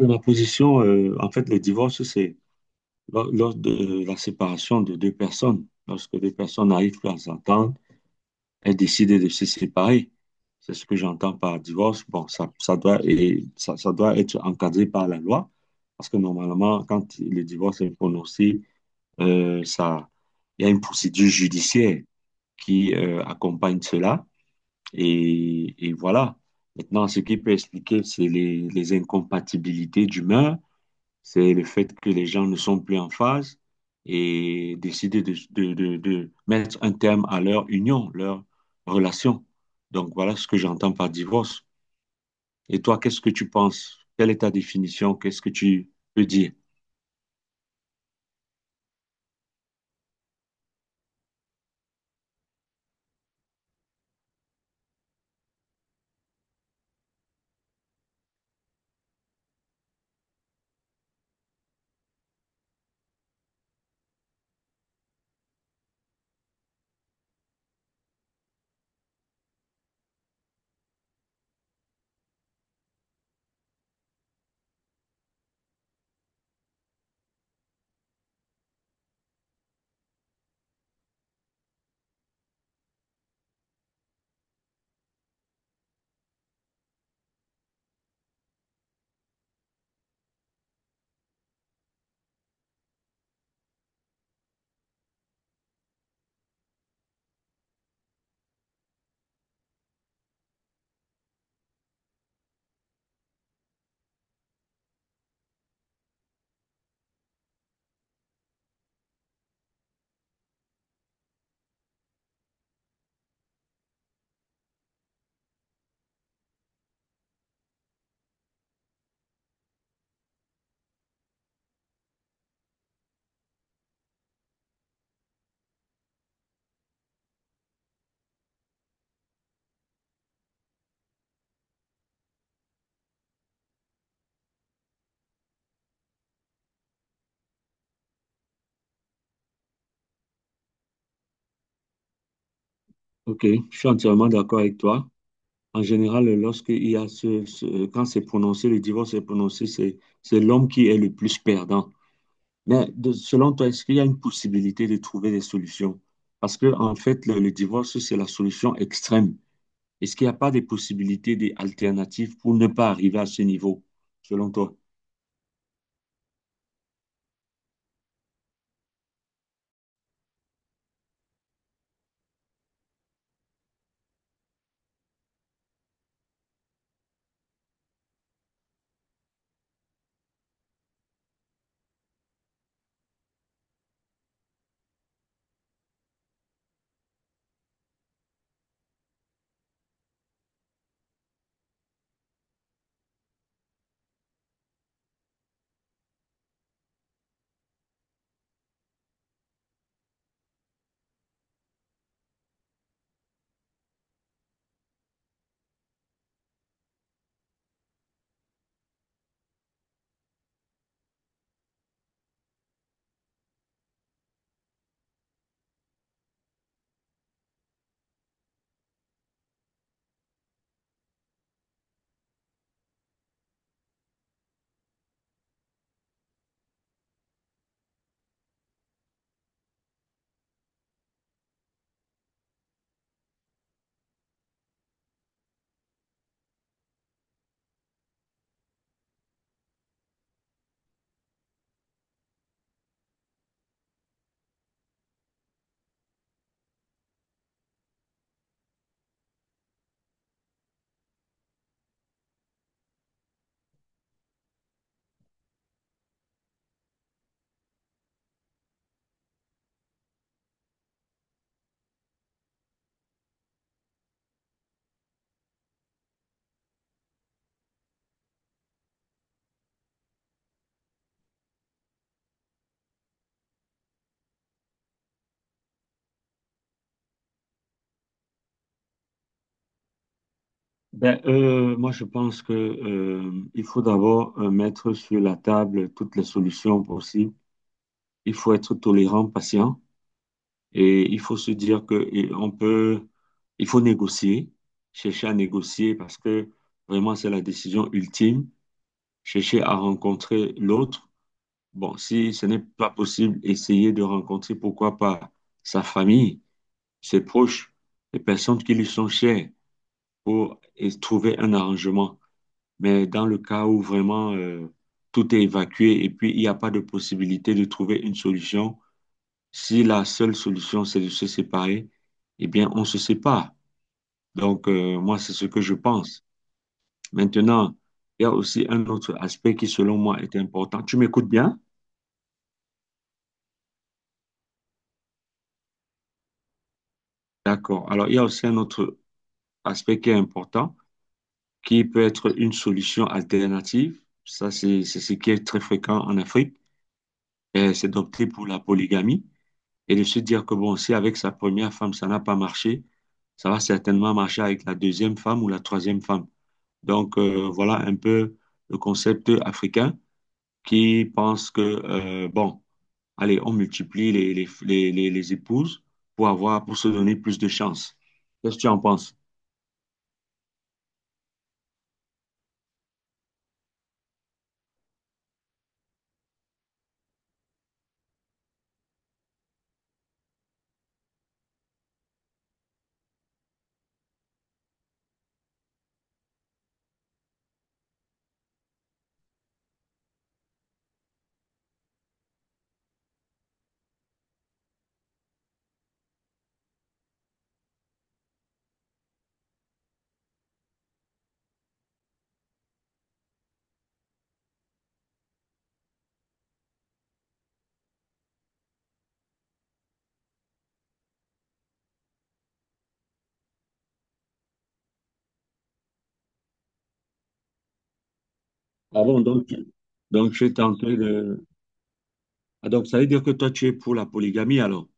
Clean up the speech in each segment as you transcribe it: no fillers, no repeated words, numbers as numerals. Ma position, en fait, le divorce, c'est lors de la séparation de deux personnes. Lorsque deux personnes n'arrivent plus à s'entendre, elles décident de se séparer. C'est ce que j'entends par divorce. Bon, ça doit être encadré par la loi, parce que normalement, quand le divorce est prononcé, euh, ça, il y a une procédure judiciaire qui accompagne cela. Et voilà. Maintenant, ce qui peut expliquer, c'est les incompatibilités d'humeur, c'est le fait que les gens ne sont plus en phase et décider de mettre un terme à leur union, leur relation. Donc voilà ce que j'entends par divorce. Et toi, qu'est-ce que tu penses? Quelle est ta définition? Qu'est-ce que tu peux dire? Ok, je suis entièrement d'accord avec toi. En général, lorsque il y a quand c'est prononcé, le divorce est prononcé, c'est l'homme qui est le plus perdant. Mais selon toi, est-ce qu'il y a une possibilité de trouver des solutions? Parce que, en fait, le divorce, c'est la solution extrême. Est-ce qu'il n'y a pas des possibilités, des alternatives pour ne pas arriver à ce niveau, selon toi? Ben, moi, je pense que, il faut d'abord mettre sur la table toutes les solutions possibles. Il faut être tolérant, patient, et il faut se dire que et on peut, il faut négocier, chercher à négocier parce que vraiment, c'est la décision ultime, chercher à rencontrer l'autre. Bon, si ce n'est pas possible, essayer de rencontrer, pourquoi pas, sa famille, ses proches, les personnes qui lui sont chères pour et trouver un arrangement. Mais dans le cas où vraiment, tout est évacué et puis il n'y a pas de possibilité de trouver une solution, si la seule solution c'est de se séparer, eh bien on se sépare. Donc moi c'est ce que je pense. Maintenant, il y a aussi un autre aspect qui selon moi est important. Tu m'écoutes bien? D'accord. Alors, il y a aussi un autre aspect qui est important, qui peut être une solution alternative. Ça, c'est ce qui est très fréquent en Afrique. Et c'est d'opter pour la polygamie et de se dire que, bon, si avec sa première femme, ça n'a pas marché, ça va certainement marcher avec la deuxième femme ou la troisième femme. Donc, voilà un peu le concept africain qui pense que, bon, allez, on multiplie les épouses pour avoir, pour se donner plus de chances. Qu'est-ce que tu en penses? Ah bon, donc je suis tenté de... Ah, donc ça veut dire que toi, tu es pour la polygamie alors?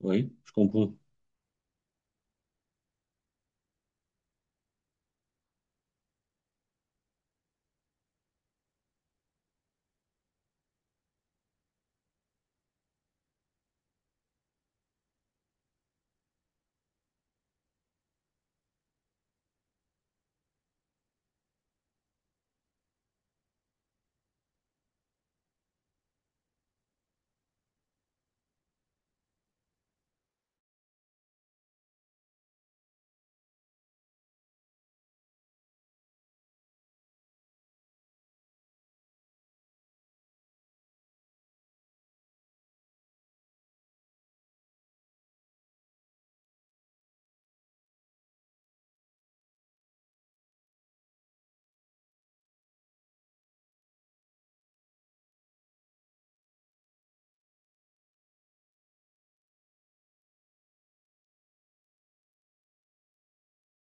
Oui, je comprends.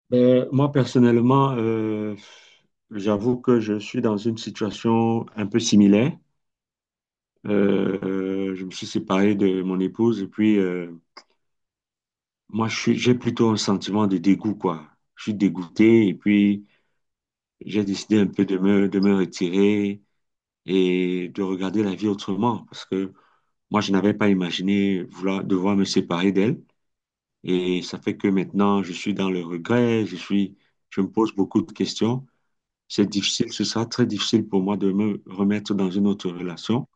Ben, moi, personnellement, j'avoue que je suis dans une situation un peu similaire. Je me suis séparé de mon épouse et puis moi, j'ai plutôt un sentiment de dégoût, quoi. Je suis dégoûté et puis j'ai décidé un peu de de me retirer et de regarder la vie autrement parce que moi, je n'avais pas imaginé vouloir, devoir me séparer d'elle. Et ça fait que maintenant, je suis dans le regret, je me pose beaucoup de questions. C'est difficile, ce sera très difficile pour moi de me remettre dans une autre relation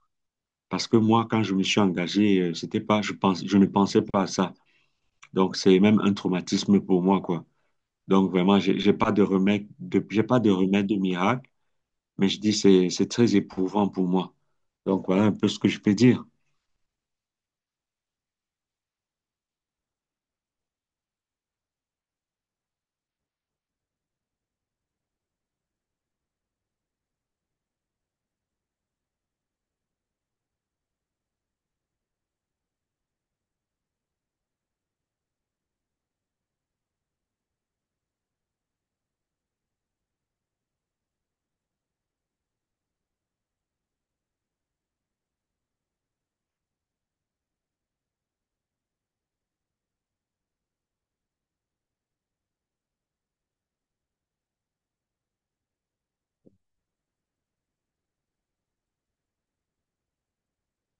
parce que moi, quand je me suis engagé, c'était pas, je pense, je ne pensais pas à ça. Donc, c'est même un traumatisme pour moi, quoi. Donc, vraiment, j'ai pas de remède, j'ai pas de remède de miracle, mais je dis, c'est très éprouvant pour moi. Donc, voilà un peu ce que je peux dire.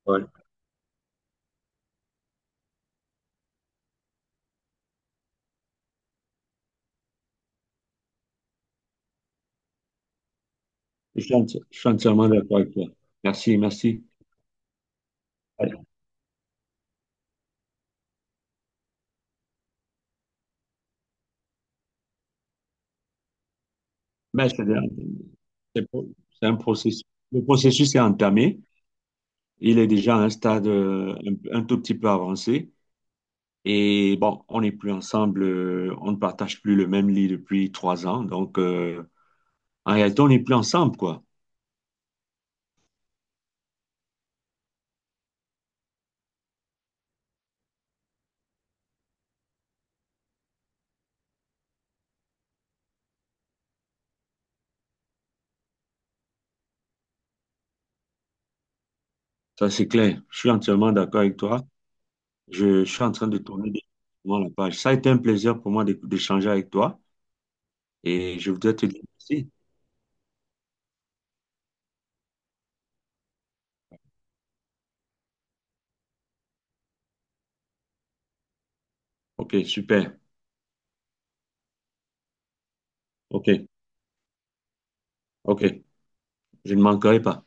Ouais. Je suis entièrement d'accord avec toi. Merci, merci. Allez, merci. C'est pro- c'est un processus. Le processus est entamé. Il est déjà à un stade un tout petit peu avancé. Et bon, on n'est plus ensemble. On ne partage plus le même lit depuis 3 ans. Donc, en réalité, on n'est plus ensemble, quoi. Ça, c'est clair. Je suis entièrement d'accord avec toi. Je suis en train de tourner définitivement la page. Ça a été un plaisir pour moi d'échanger avec toi. Et je voudrais te dire merci. OK, super. OK, OK. Je ne manquerai pas.